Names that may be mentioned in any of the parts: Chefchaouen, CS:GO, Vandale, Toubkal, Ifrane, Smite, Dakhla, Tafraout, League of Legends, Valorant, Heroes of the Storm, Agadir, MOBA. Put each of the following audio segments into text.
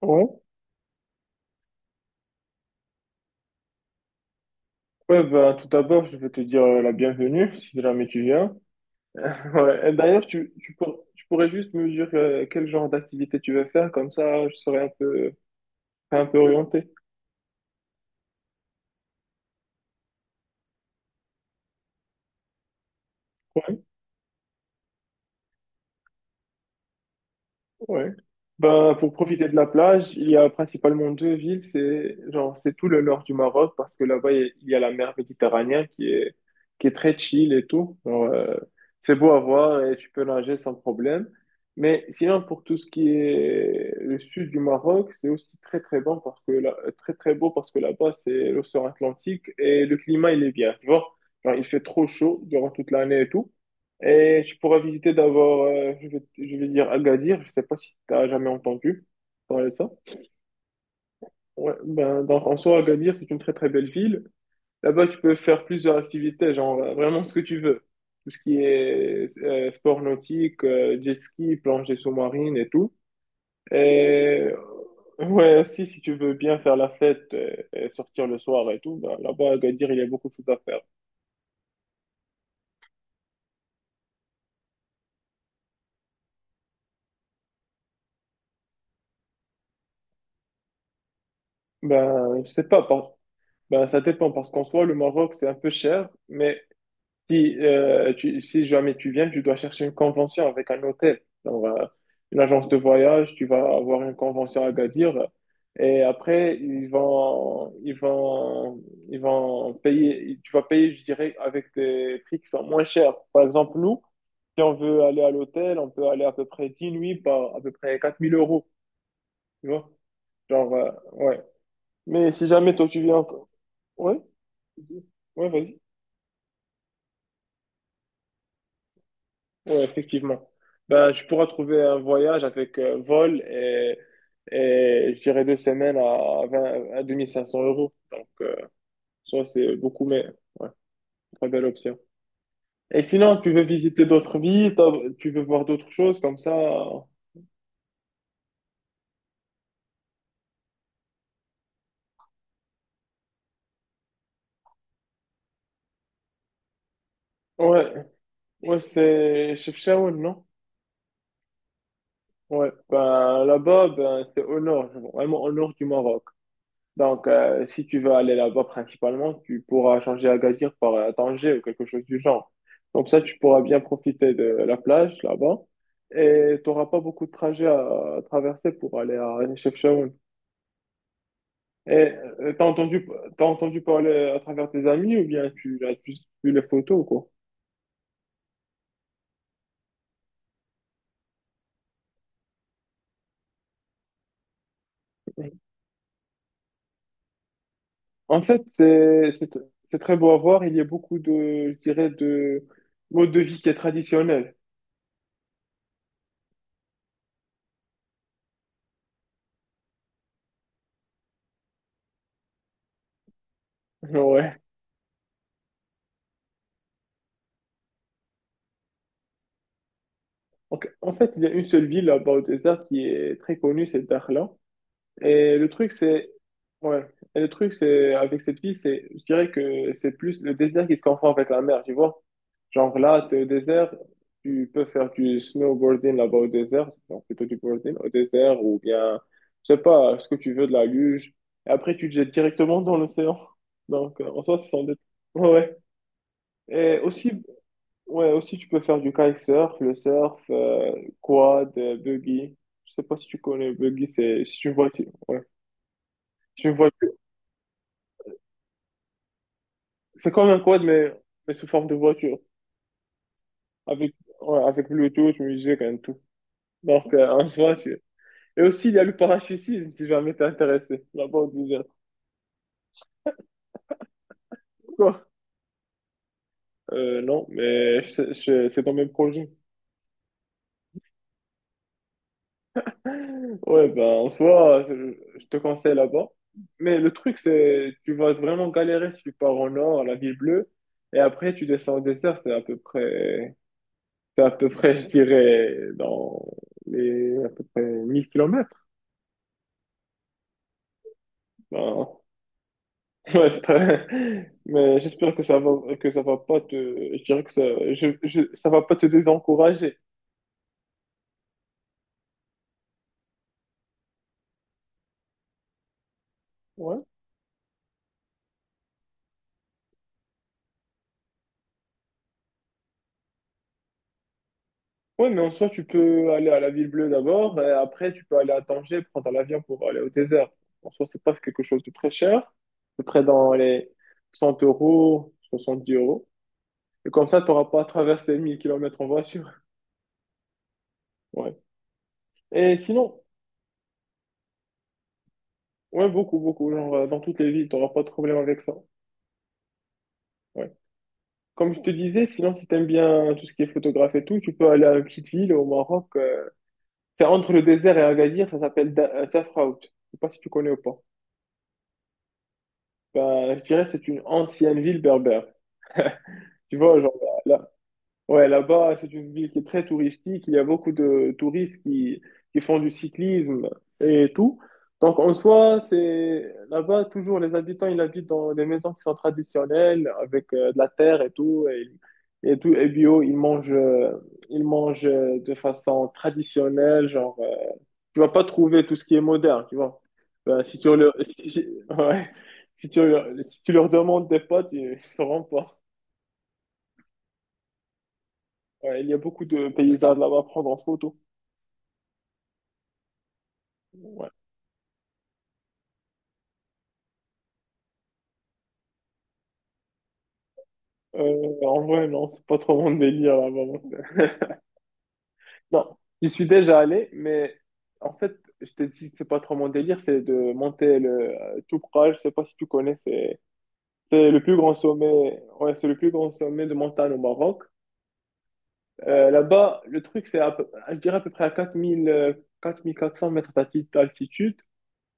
Ouais, ouais, bah, tout d'abord, je vais te dire la bienvenue si jamais tu viens. Ouais. Et d'ailleurs, tu pourrais juste me dire quel genre d'activité tu veux faire, comme ça je serai un peu orienté. Ouais. Ouais. Ben, pour profiter de la plage, il y a principalement 2 villes. C'est genre, c'est tout le nord du Maroc parce que là-bas, il y a la mer Méditerranée qui est très chill et tout. Genre, c'est beau à voir et tu peux nager sans problème. Mais sinon, pour tout ce qui est le sud du Maroc, c'est aussi très très bon parce que là, très très beau parce que là-bas, c'est l'océan Atlantique et le climat, il est bien. Tu vois, genre, il fait trop chaud durant toute l'année et tout. Et tu pourras visiter d'abord, je vais dire Agadir. Je sais pas si tu as jamais entendu parler de ça. Ouais, ben, en soi, Agadir, c'est une très très belle ville. Là-bas, tu peux faire plusieurs activités, genre vraiment ce que tu veux. Tout ce qui est sport nautique, jet ski, plongée sous-marine et tout. Et ouais, aussi, si tu veux bien faire la fête et sortir le soir et tout, ben, là-bas, à Agadir, il y a beaucoup de choses à faire. Ben, je sais pas, par- Ben, ça dépend parce qu'en soi, le Maroc, c'est un peu cher. Mais si, si jamais tu viens, tu dois chercher une convention avec un hôtel, genre, une agence de voyage, tu vas avoir une convention à Gadir. Et après, ils vont payer, tu vas payer, je dirais, avec des prix qui sont moins chers. Par exemple, nous, si on veut aller à l'hôtel, on peut aller à peu près 10 nuits par à peu près 4000 euros, tu vois. Genre, ouais. Mais si jamais toi tu viens, encore. ouais, ouais, Vas-y. Oui, effectivement. Bah, tu pourras trouver un voyage avec vol et je dirais 2 semaines à 20, à 2500 euros. Ça, c'est beaucoup, mais ouais, très belle option. Et sinon, tu veux voir d'autres choses comme ça. Ouais, ouais, c'est Chefchaouen, non? Ouais, ben là-bas, ben, c'est au nord, vraiment au nord du Maroc. Donc, si tu veux aller là-bas principalement, tu pourras changer Agadir par Tanger ou quelque chose du genre. Comme ça, tu pourras bien profiter de la plage là-bas et tu n'auras pas beaucoup de trajets à traverser pour aller à Chefchaouen. Et euh, t'as entendu, t'as entendu parler à travers tes amis ou bien tu as juste vu les photos, quoi? En fait, c'est très beau à voir. Il y a beaucoup de, je dirais, de mode de vie qui est traditionnel. Ouais. Donc, en fait, il y a une seule ville à Baudésart qui est très connue, c'est Dakhla. Et le truc, c'est, ouais, et le truc, c'est, avec cette ville, c'est, je dirais que c'est plus le désert qui se confond avec la mer, tu vois. Genre là, t'es au désert, tu peux faire du snowboarding là-bas au désert, donc plutôt du boarding au désert, ou bien, je sais pas, ce que tu veux, de la luge. Et après, tu te jettes directement dans l'océan. Donc, en soi, ce sont des... Ouais. Ouais. Et aussi, ouais, aussi tu peux faire du kitesurf, le surf, quad, buggy. Je sais pas si tu connais buggy, c'est une voiture. Ouais, c'est une voiture. C'est comme un quad mais sous forme de voiture, avec ouais, avec Bluetooth, musique et tout. Donc en soi, tu... et aussi il y a le parachutisme si jamais t'es intéressé. Là-bas au désert. Quoi? Non, mais c'est dans mes projets. Ouais, ben, en soi, je te conseille là-bas. Mais le truc, c'est, tu vas vraiment galérer si tu pars au nord, à la ville bleue, et après, tu descends au désert, c'est à peu près, je dirais, dans les, à peu près 1 000 km. Ben, ouais, c'est très- mais j'espère que ça va pas te, je dirais que ça, je- ça va pas te désencourager. Ouais. Oui, mais en soi, tu peux aller à la Ville Bleue d'abord, et après, tu peux aller à Tanger, prendre l'avion pour aller au désert. En soi, c'est pas quelque chose de très cher, à peu près dans les 100 euros, 70 euros. Et comme ça, tu n'auras pas à traverser 1 000 km en voiture. Ouais. Et sinon, ouais, beaucoup, beaucoup. Genre, dans toutes les villes, tu n'auras pas de problème avec ça. Ouais. Comme je te disais, sinon, si t'aimes bien tout ce qui est photographe et tout, tu peux aller à une petite ville au Maroc. C'est entre le désert et Agadir, ça s'appelle Tafraout. Je sais pas si tu connais ou pas. Ben, je dirais que c'est une ancienne ville berbère. Tu vois, genre là, là- ouais, là-bas, c'est une ville qui est très touristique. Il y a beaucoup de touristes qui font du cyclisme et tout. Donc, en soi, c'est là-bas, toujours les habitants, ils habitent dans des maisons qui sont traditionnelles, avec de la terre et tout, et bio. Ils mangent de façon traditionnelle, genre tu vas pas trouver tout ce qui est moderne, tu vois. Ben, si tu leur, si, ouais. Si tu leur, si tu leur demandes des potes, ils ne sauront pas. Ouais, il y a beaucoup de paysages là-bas à prendre en photo. Ouais. En vrai, non, c'est pas trop mon délire là-bas. Non, j'y suis déjà allé, mais en fait, je t'ai dit que c'est pas trop mon délire, c'est de monter le Toubkal, je sais pas si tu connais, c'est le plus grand sommet de montagne au Maroc. Là-bas, le truc, c'est à peu- je dirais à peu près à 4000, 4400 mètres d'altitude.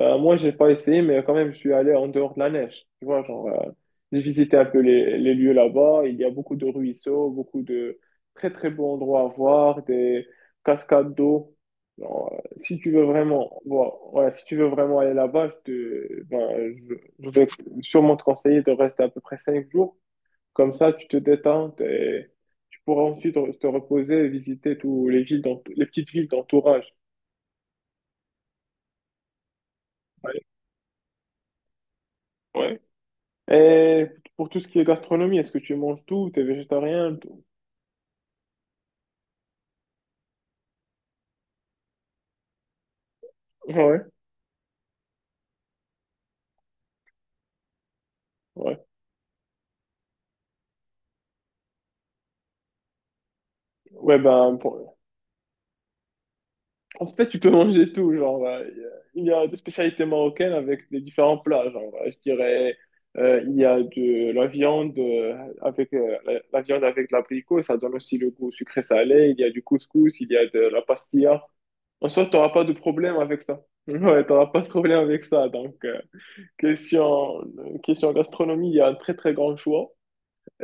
Moi, j'ai pas essayé, mais quand même, je suis allé en dehors de la neige. Tu vois, genre, j'ai visité un peu les lieux là-bas. Il y a beaucoup de ruisseaux, beaucoup de très, très beaux endroits à voir, des cascades d'eau. Genre, si tu veux vraiment, voilà, si tu veux vraiment aller là-bas, je vais sûrement te conseiller de rester à peu près 5 jours comme ça, tu te détends et tu pourras ensuite te reposer et visiter tous les villes les petites villes d'entourage. Ouais. Ouais. Et pour tout ce qui est gastronomie, est-ce que tu manges tout? T'es végétarien? Tout ouais, ouais. Ouais, ben, pour- En fait, tu peux manger tout, genre, il y a des spécialités marocaines avec des différents plats, genre, il y a de la viande avec la viande avec de l'abricot, ça donne aussi le goût sucré-salé, il y a du couscous, il y a de la pastilla. En soi, t'auras pas de problème avec ça. Ouais, t'auras pas de problème avec ça. Donc, question, question gastronomie, il y a un très très grand choix.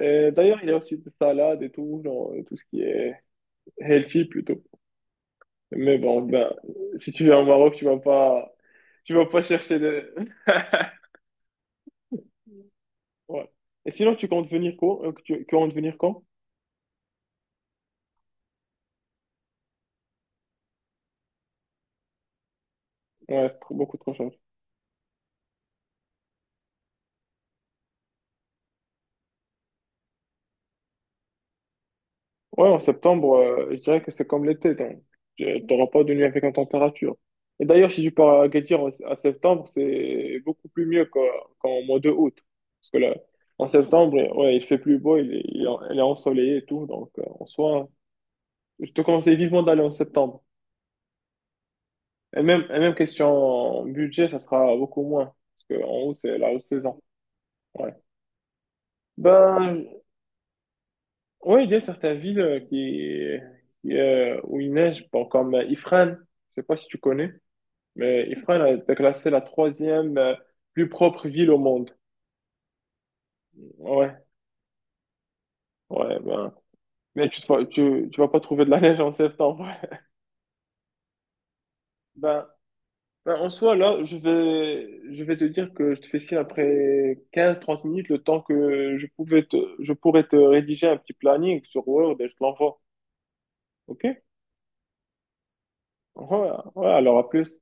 Et d'ailleurs, il y a aussi des salades et tout, genre, tout ce qui est healthy plutôt. Mais bon, ben, si tu viens au Maroc, tu vas pas chercher de. Ouais. Et sinon, tu comptes venir quand? Ouais, beaucoup trop cher. Ouais, en septembre, je dirais que c'est comme l'été, donc tu n'auras pas de nuit avec la température. Et d'ailleurs, si tu pars à Agadir à septembre, c'est beaucoup plus mieux qu'en mois de août. Parce que là, en septembre, ouais, il fait plus beau, il est ensoleillé et tout, donc en soi, je te conseille vivement d'aller en septembre. Et même question budget, ça sera beaucoup moins. Parce qu'en août, c'est la haute saison. Ouais. Ben, oui, il y a certaines villes où il neige, bon, comme Ifrane. Je sais pas si tu connais, mais Ifrane a été classée la troisième plus propre ville au monde. Ouais, ouais, ben. Mais tu, te vois- tu vas pas trouver de la neige en septembre. Ouais. Ben, Bah, en soi, là, je vais te dire que je te fais signe après 15 à 30 minutes, le temps que je pourrais te rédiger un petit planning sur Word et je te l'envoie. OK? Ouais, ouais, ouais, alors à plus.